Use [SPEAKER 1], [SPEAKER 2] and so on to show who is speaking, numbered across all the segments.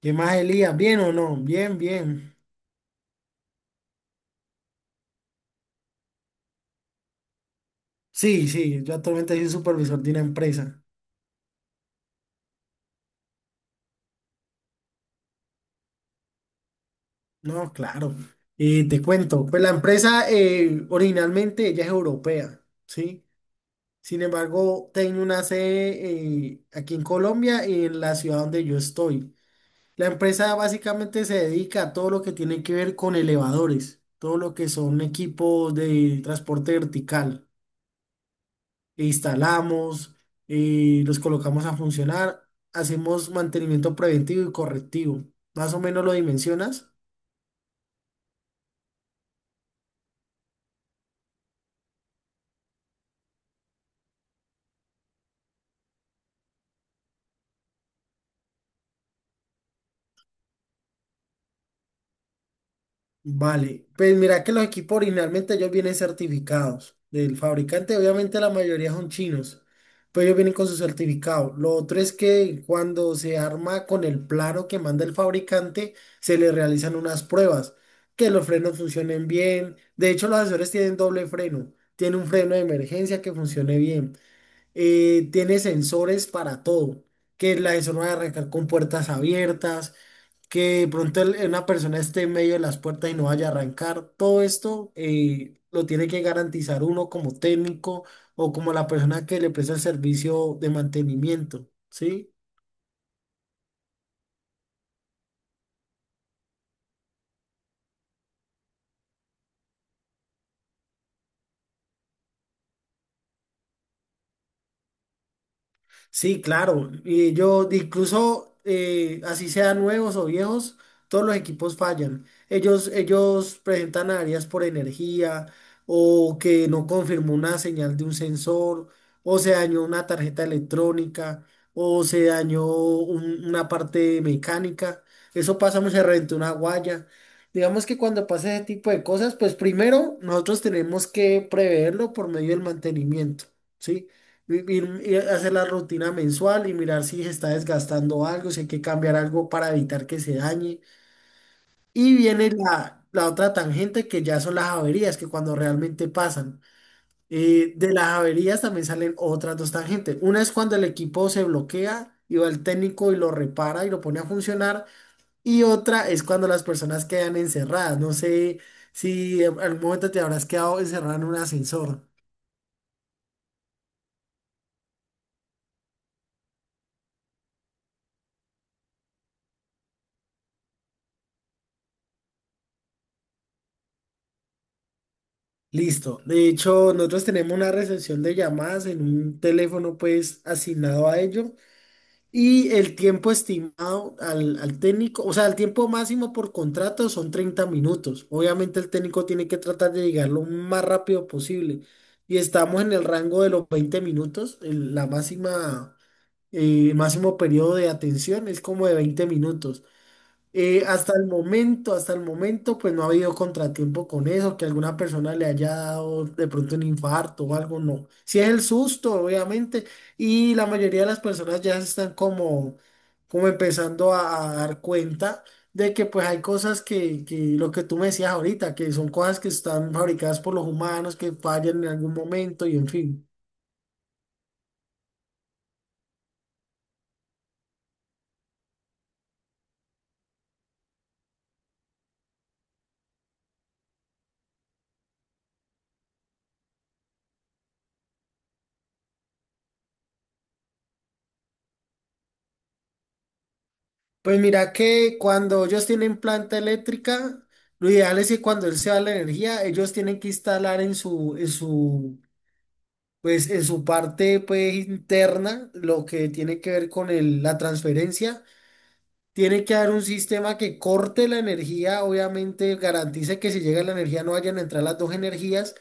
[SPEAKER 1] ¿Qué más, Elías? ¿Bien o no? Bien, bien. Sí, sí, yo actualmente soy supervisor de una empresa. No, claro. Y te cuento, pues la empresa originalmente ella es europea, ¿sí? Sin embargo, tiene una sede aquí en Colombia y en la ciudad donde yo estoy. La empresa básicamente se dedica a todo lo que tiene que ver con elevadores, todo lo que son equipos de transporte vertical. Instalamos, los colocamos a funcionar, hacemos mantenimiento preventivo y correctivo. Más o menos lo dimensionas. Vale, pues mira que los equipos originalmente ellos vienen certificados del fabricante, obviamente la mayoría son chinos, pero ellos vienen con su certificado. Lo otro es que cuando se arma con el plano que manda el fabricante, se le realizan unas pruebas, que los frenos funcionen bien. De hecho, los asesores tienen doble freno, tiene un freno de emergencia que funcione bien. Tiene sensores para todo, que la eso no va a arrancar con puertas abiertas, que de pronto una persona esté en medio de las puertas y no vaya a arrancar. Todo esto lo tiene que garantizar uno como técnico o como la persona que le presta el servicio de mantenimiento, ¿sí? Sí, claro. Y yo incluso así sean nuevos o viejos, todos los equipos fallan. Ellos presentan averías por energía o que no confirmó una señal de un sensor o se dañó una tarjeta electrónica o se dañó una parte mecánica. Eso pasa, se reventó una guaya. Digamos que cuando pasa ese tipo de cosas, pues primero nosotros tenemos que preverlo por medio del mantenimiento, ¿sí? Ir, ir- a hacer la rutina mensual y mirar si se está desgastando algo, si hay que cambiar algo para evitar que se dañe. Y viene la otra tangente que ya son las averías, que cuando realmente pasan. De las averías también salen otras dos tangentes. Una es cuando el equipo se bloquea y va el técnico y lo repara y lo pone a funcionar. Y otra es cuando las personas quedan encerradas. No sé si en algún momento te habrás quedado encerrado en un ascensor. Listo. De hecho, nosotros tenemos una recepción de llamadas en un teléfono pues asignado a ello y el tiempo estimado al técnico, o sea, el tiempo máximo por contrato son 30 minutos. Obviamente el técnico tiene que tratar de llegar lo más rápido posible y estamos en el rango de los 20 minutos. El máximo periodo de atención es como de 20 minutos. Hasta el momento, hasta el momento, pues no ha habido contratiempo con eso, que alguna persona le haya dado de pronto un infarto o algo, no. Si es el susto, obviamente, y la mayoría de las personas ya se están como, como empezando a dar cuenta de que pues hay cosas que lo que tú me decías ahorita, que son cosas que están fabricadas por los humanos, que fallan en algún momento y en fin. Pues mira que cuando ellos tienen planta eléctrica, lo ideal es que cuando él se va la energía, ellos tienen que instalar en su parte pues, interna lo que tiene que ver con la transferencia. Tiene que haber un sistema que corte la energía, obviamente garantice que si llega la energía no vayan a entrar las dos energías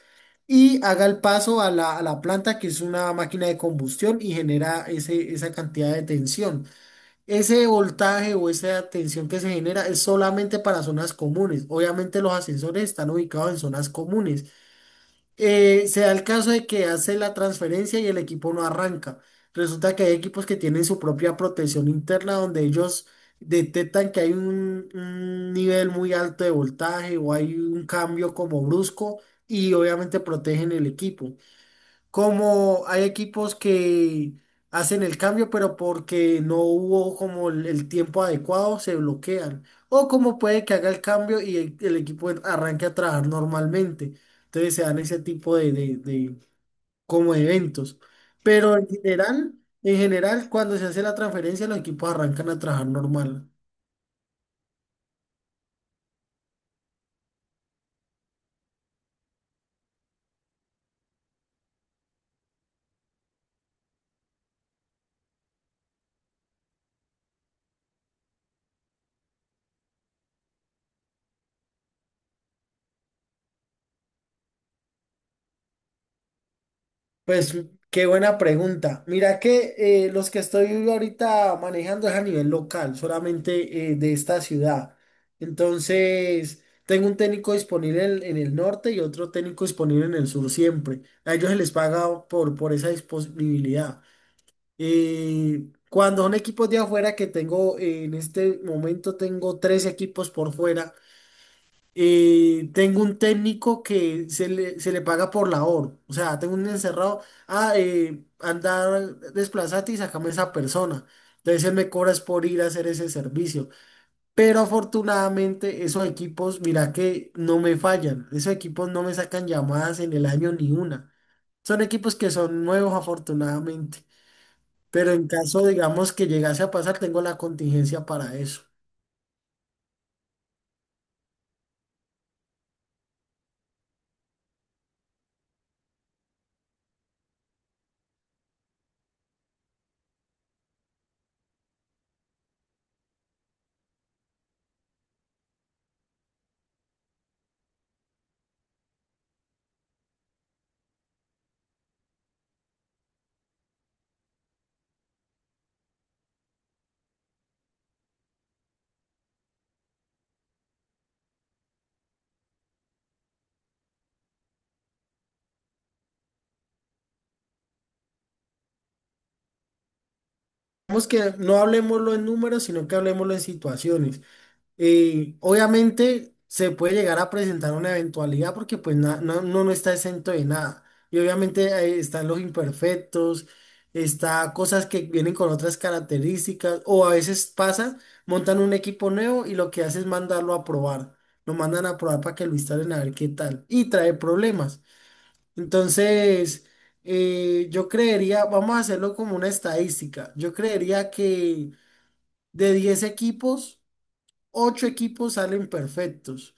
[SPEAKER 1] y haga el paso a la planta que es una máquina de combustión y genera ese, esa cantidad de tensión. Ese voltaje o esa tensión que se genera es solamente para zonas comunes. Obviamente los ascensores están ubicados en zonas comunes. Se da el caso de que hace la transferencia y el equipo no arranca. Resulta que hay equipos que tienen su propia protección interna donde ellos detectan que hay un nivel muy alto de voltaje o hay un cambio como brusco y obviamente protegen el equipo, como hay equipos que hacen el cambio, pero porque no hubo como el tiempo adecuado, se bloquean. O como puede que haga el cambio y el arranque a trabajar normalmente. Entonces se dan ese tipo de como eventos. Pero en general, cuando se hace la transferencia, los equipos arrancan a trabajar normal. Pues qué buena pregunta. Mira que los que estoy ahorita manejando es a nivel local, solamente de esta ciudad. Entonces, tengo un técnico disponible en el norte y otro técnico disponible en el sur siempre. A ellos se les paga por esa disponibilidad. Cuando son equipos de afuera que tengo, en este momento tengo tres equipos por fuera. Tengo un técnico que se le paga por labor. O sea, tengo un encerrado. Andar, desplazate y sacame esa persona. Entonces él me cobras por ir a hacer ese servicio. Pero afortunadamente esos equipos, mira que no me fallan. Esos equipos no me sacan llamadas en el año ni una. Son equipos que son nuevos afortunadamente. Pero en caso, digamos, que llegase a pasar, tengo la contingencia para eso. Digamos que no hablemoslo en números, sino que hablemoslo en situaciones. Obviamente se puede llegar a presentar una eventualidad porque pues no está exento de nada. Y obviamente están los imperfectos, está cosas que vienen con otras características o a veces pasa, montan un equipo nuevo y lo que hace es mandarlo a probar. Lo mandan a probar para que lo instalen a ver qué tal y trae problemas. Entonces, yo creería, vamos a hacerlo como una estadística. Yo creería que de 10 equipos, 8 equipos salen perfectos,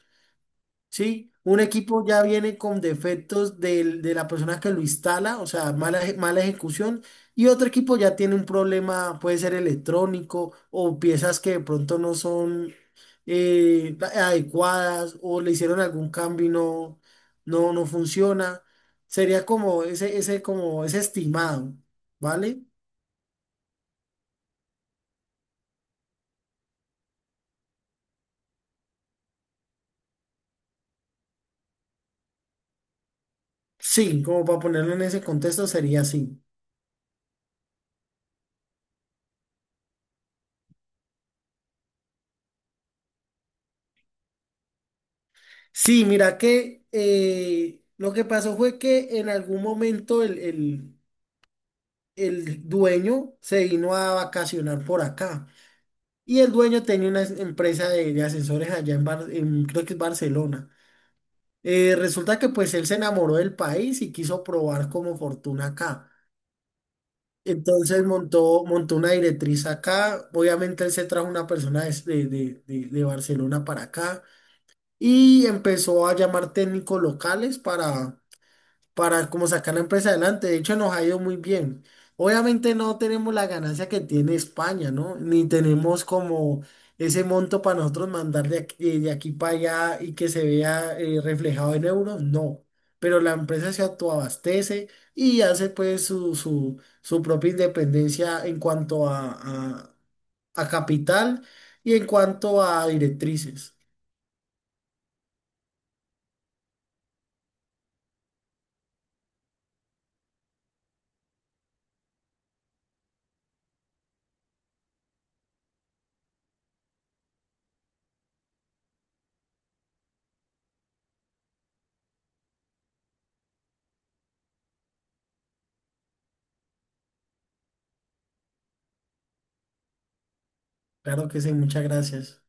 [SPEAKER 1] ¿sí? Un equipo ya viene con defectos de la persona que lo instala, o sea, mala, mala ejecución, y otro equipo ya tiene un problema, puede ser electrónico o piezas que de pronto no son adecuadas o le hicieron algún cambio y no funciona. Sería como como ese estimado, ¿vale? Sí, como para ponerlo en ese contexto sería así. Sí, mira que lo que pasó fue que en algún momento el dueño se vino a vacacionar por acá y el dueño tenía una empresa de ascensores allá en, creo que es Barcelona. Resulta que pues él se enamoró del país y quiso probar como fortuna acá. Entonces montó una directriz acá. Obviamente él se trajo una persona de Barcelona para acá y empezó a llamar técnicos locales para como sacar la empresa adelante. De hecho, nos ha ido muy bien. Obviamente no tenemos la ganancia que tiene España, ¿no? Ni tenemos como ese monto para nosotros mandar de aquí para allá y que se vea reflejado en euros, no. Pero la empresa se autoabastece y hace pues su propia independencia en cuanto a a capital y en cuanto a directrices. Claro que sí, muchas gracias.